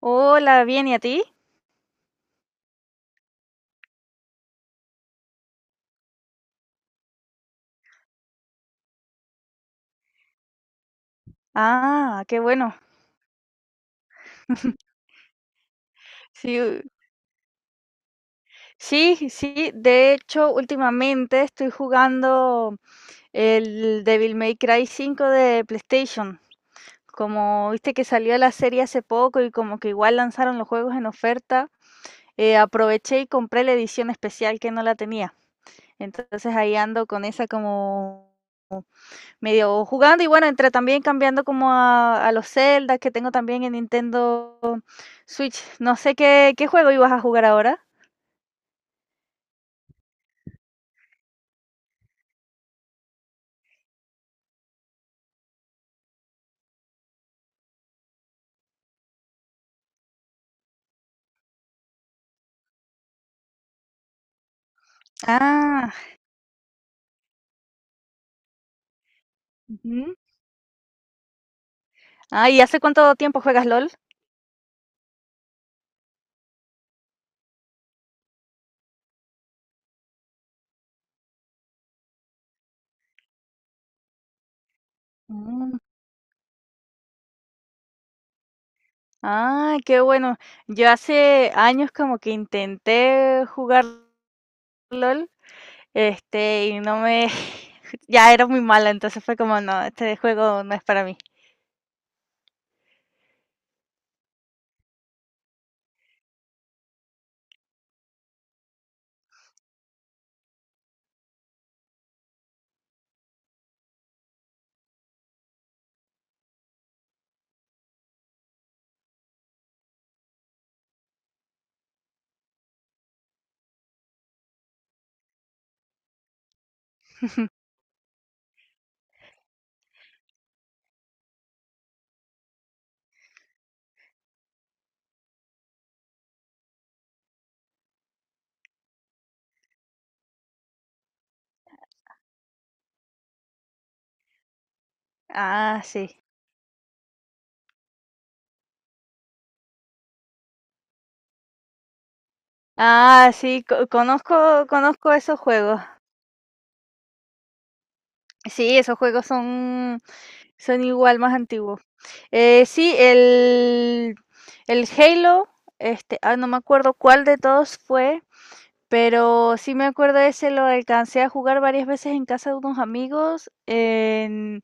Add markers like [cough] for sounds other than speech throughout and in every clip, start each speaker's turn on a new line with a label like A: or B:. A: Hola, bien, ¿y a ti? Ah, qué bueno. [laughs] Sí, u- sí, sí. De hecho, últimamente estoy jugando el Devil May Cry cinco de PlayStation. Como viste que salió la serie hace poco y como que igual lanzaron los juegos en oferta, aproveché y compré la edición especial que no la tenía. Entonces ahí ando con esa como medio jugando y bueno, entre también cambiando como a los Zelda que tengo también en Nintendo Switch, no sé qué juego ibas a jugar ahora. Ah, ujú. Ah, ¿y hace cuánto tiempo juegas LOL? Mm. Ah, qué bueno. Yo hace años como que intenté jugar LOL, y no me... [laughs] Ya era muy mala, entonces fue como, no, este juego no es para mí. Ah, sí. Ah, sí, conozco esos juegos. Sí, esos juegos son. Son igual, más antiguos. Sí, el Halo, no me acuerdo cuál de todos fue, pero sí me acuerdo ese, lo alcancé a jugar varias veces en casa de unos amigos,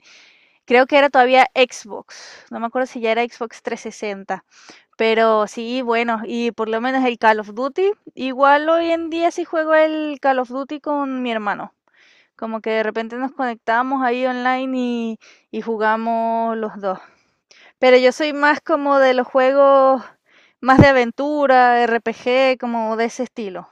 A: creo que era todavía Xbox, no me acuerdo si ya era Xbox trescientos sesenta, pero sí, bueno, y por lo menos el Call of Duty, igual hoy en día sí juego el Call of Duty con mi hermano, como que de repente nos conectamos ahí online y jugamos los dos. Pero yo soy más como de los juegos más de aventura, RPG, como de ese estilo.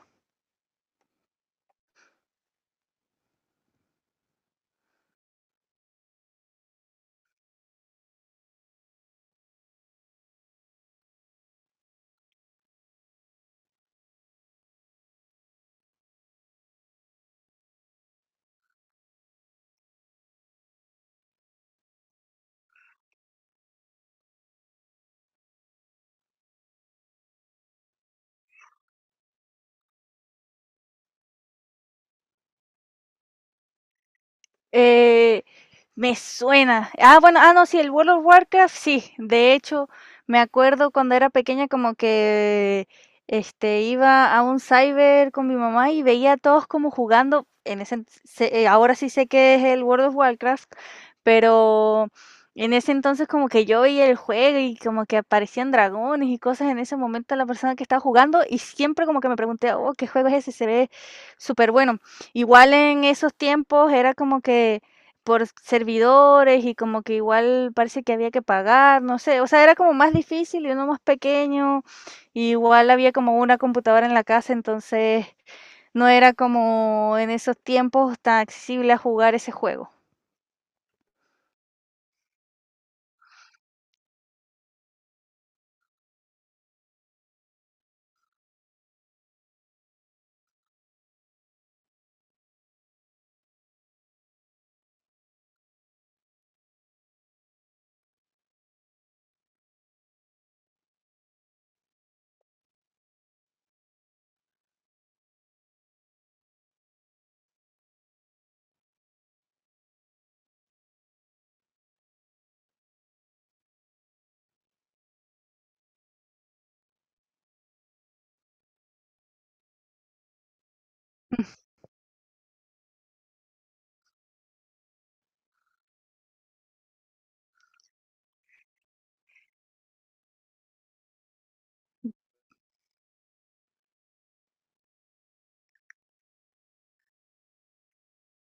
A: Eh, Me suena. Ah, bueno, ah, no, sí, el World of Warcraft, sí. De hecho, me acuerdo cuando era pequeña como que este iba a un cyber con mi mamá y veía a todos como jugando. En ese, ahora sí sé que es el World of Warcraft, pero en ese entonces como que yo veía el juego y como que aparecían dragones y cosas en ese momento a la persona que estaba jugando y siempre como que me pregunté, oh, ¿qué juego es ese? Se ve súper bueno. Igual en esos tiempos era como que por servidores y como que igual parece que había que pagar, no sé, o sea, era como más difícil y uno más pequeño, y igual había como una computadora en la casa, entonces no era como en esos tiempos tan accesible a jugar ese juego.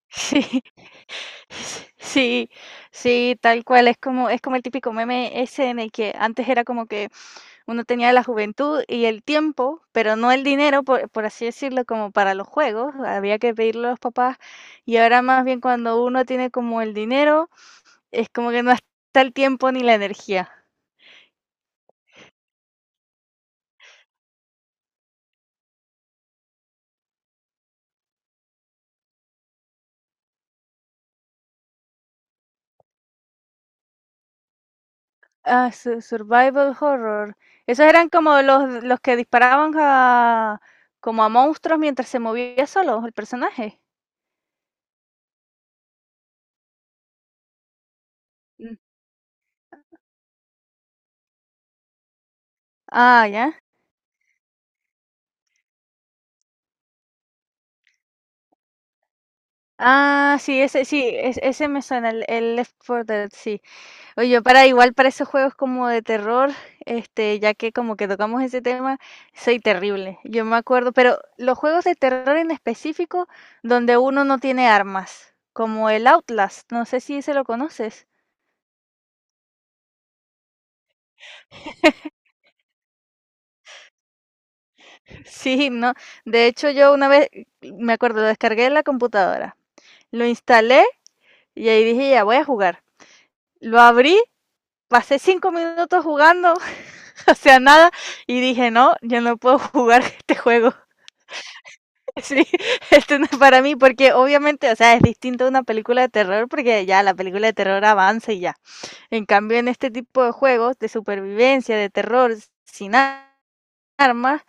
A: Sí, [laughs] sí, sí, tal cual, es como el típico meme ese en el que antes era como que uno tenía la juventud y el tiempo, pero no el dinero, por así decirlo, como para los juegos, había que pedirle a los papás. Y ahora más bien cuando uno tiene como el dinero, es como que no está el tiempo ni la energía. Survival horror. Esos eran como los que disparaban a, como a monstruos mientras se movía solo el personaje. Mm. Ah, ya. Ah, sí, ese, sí, ese me suena, el Left 4 Dead, sí. Oye, yo para igual para esos juegos como de terror, ya que como que tocamos ese tema, soy terrible. Yo me acuerdo, pero los juegos de terror en específico donde uno no tiene armas, como el Outlast, no sé si se lo conoces. [laughs] Sí, no. De hecho, yo una vez me acuerdo, lo descargué en la computadora, lo instalé y ahí dije, ya voy a jugar. Lo abrí, pasé cinco minutos jugando, [laughs] o sea, nada, y dije, no, yo no puedo [laughs] jugar este juego. Sí, [laughs] esto no es para mí, porque obviamente, o sea, es distinto a una película de terror, porque ya la película de terror avanza y ya. En cambio, en este tipo de juegos de supervivencia, de terror, sin a- armas,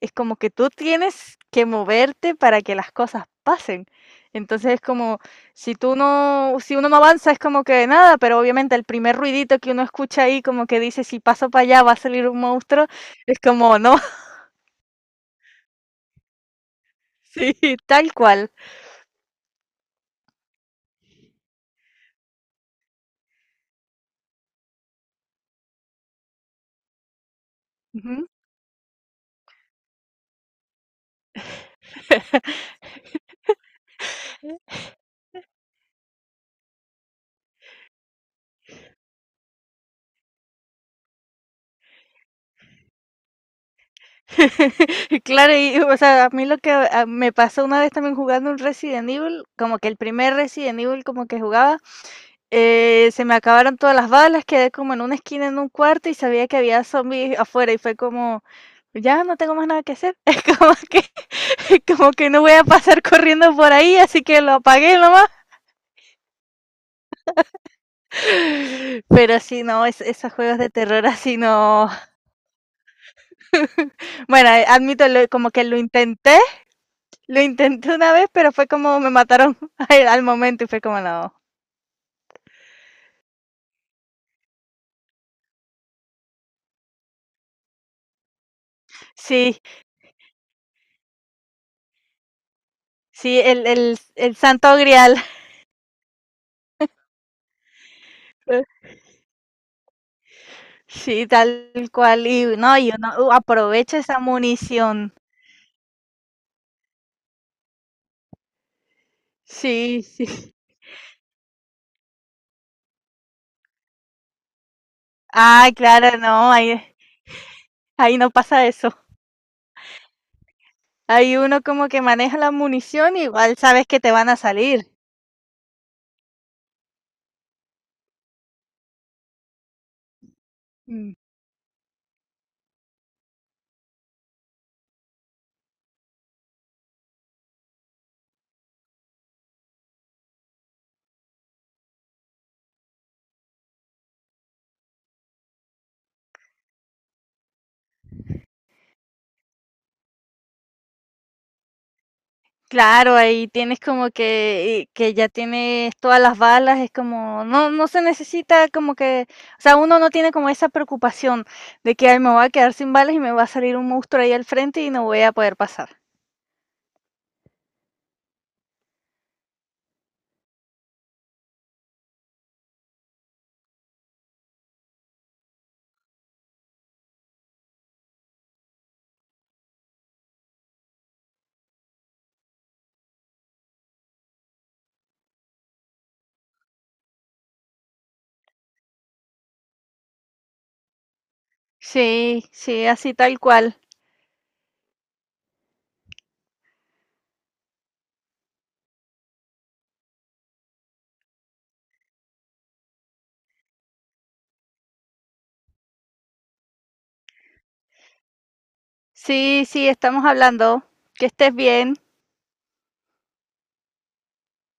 A: es como que tú tienes que moverte para que las cosas pasen. Entonces es como, si tú no, si uno no avanza, es como que nada, pero obviamente el primer ruidito que uno escucha ahí, como que dice, si paso para allá va a salir un monstruo, es como, no, [laughs] sí, tal cual. [laughs] Claro, y o sea, a mí lo que me pasó una vez también jugando un Resident Evil, como que el primer Resident Evil como que jugaba, se me acabaron todas las balas, quedé como en una esquina en un cuarto y sabía que había zombies afuera y fue como, ya no tengo más nada que hacer, [laughs] es como que no voy a pasar corriendo por ahí, así que lo apagué nomás. Pero sí, no, esos juegos de terror así no. Bueno, admito, como que lo intenté. Lo intenté una vez, pero fue como me mataron [laughs] al momento y fue como no. Sí, sí, el santo grial. [laughs] Sí, tal cual. Y no, y uno aprovecha esa munición. Sí, sí. [laughs] Ah, claro, no, ahí, ahí no pasa eso. Ahí uno como que maneja la munición, igual sabes que te van a salir. Mm. Claro, ahí tienes como que ya tienes todas las balas, es como, no, no se necesita como que, o sea, uno no tiene como esa preocupación de que ay, me voy a quedar sin balas y me va a salir un monstruo ahí al frente y no voy a poder pasar. Sí, sí, así tal cual. Sí, sí, estamos hablando. Que estés bien.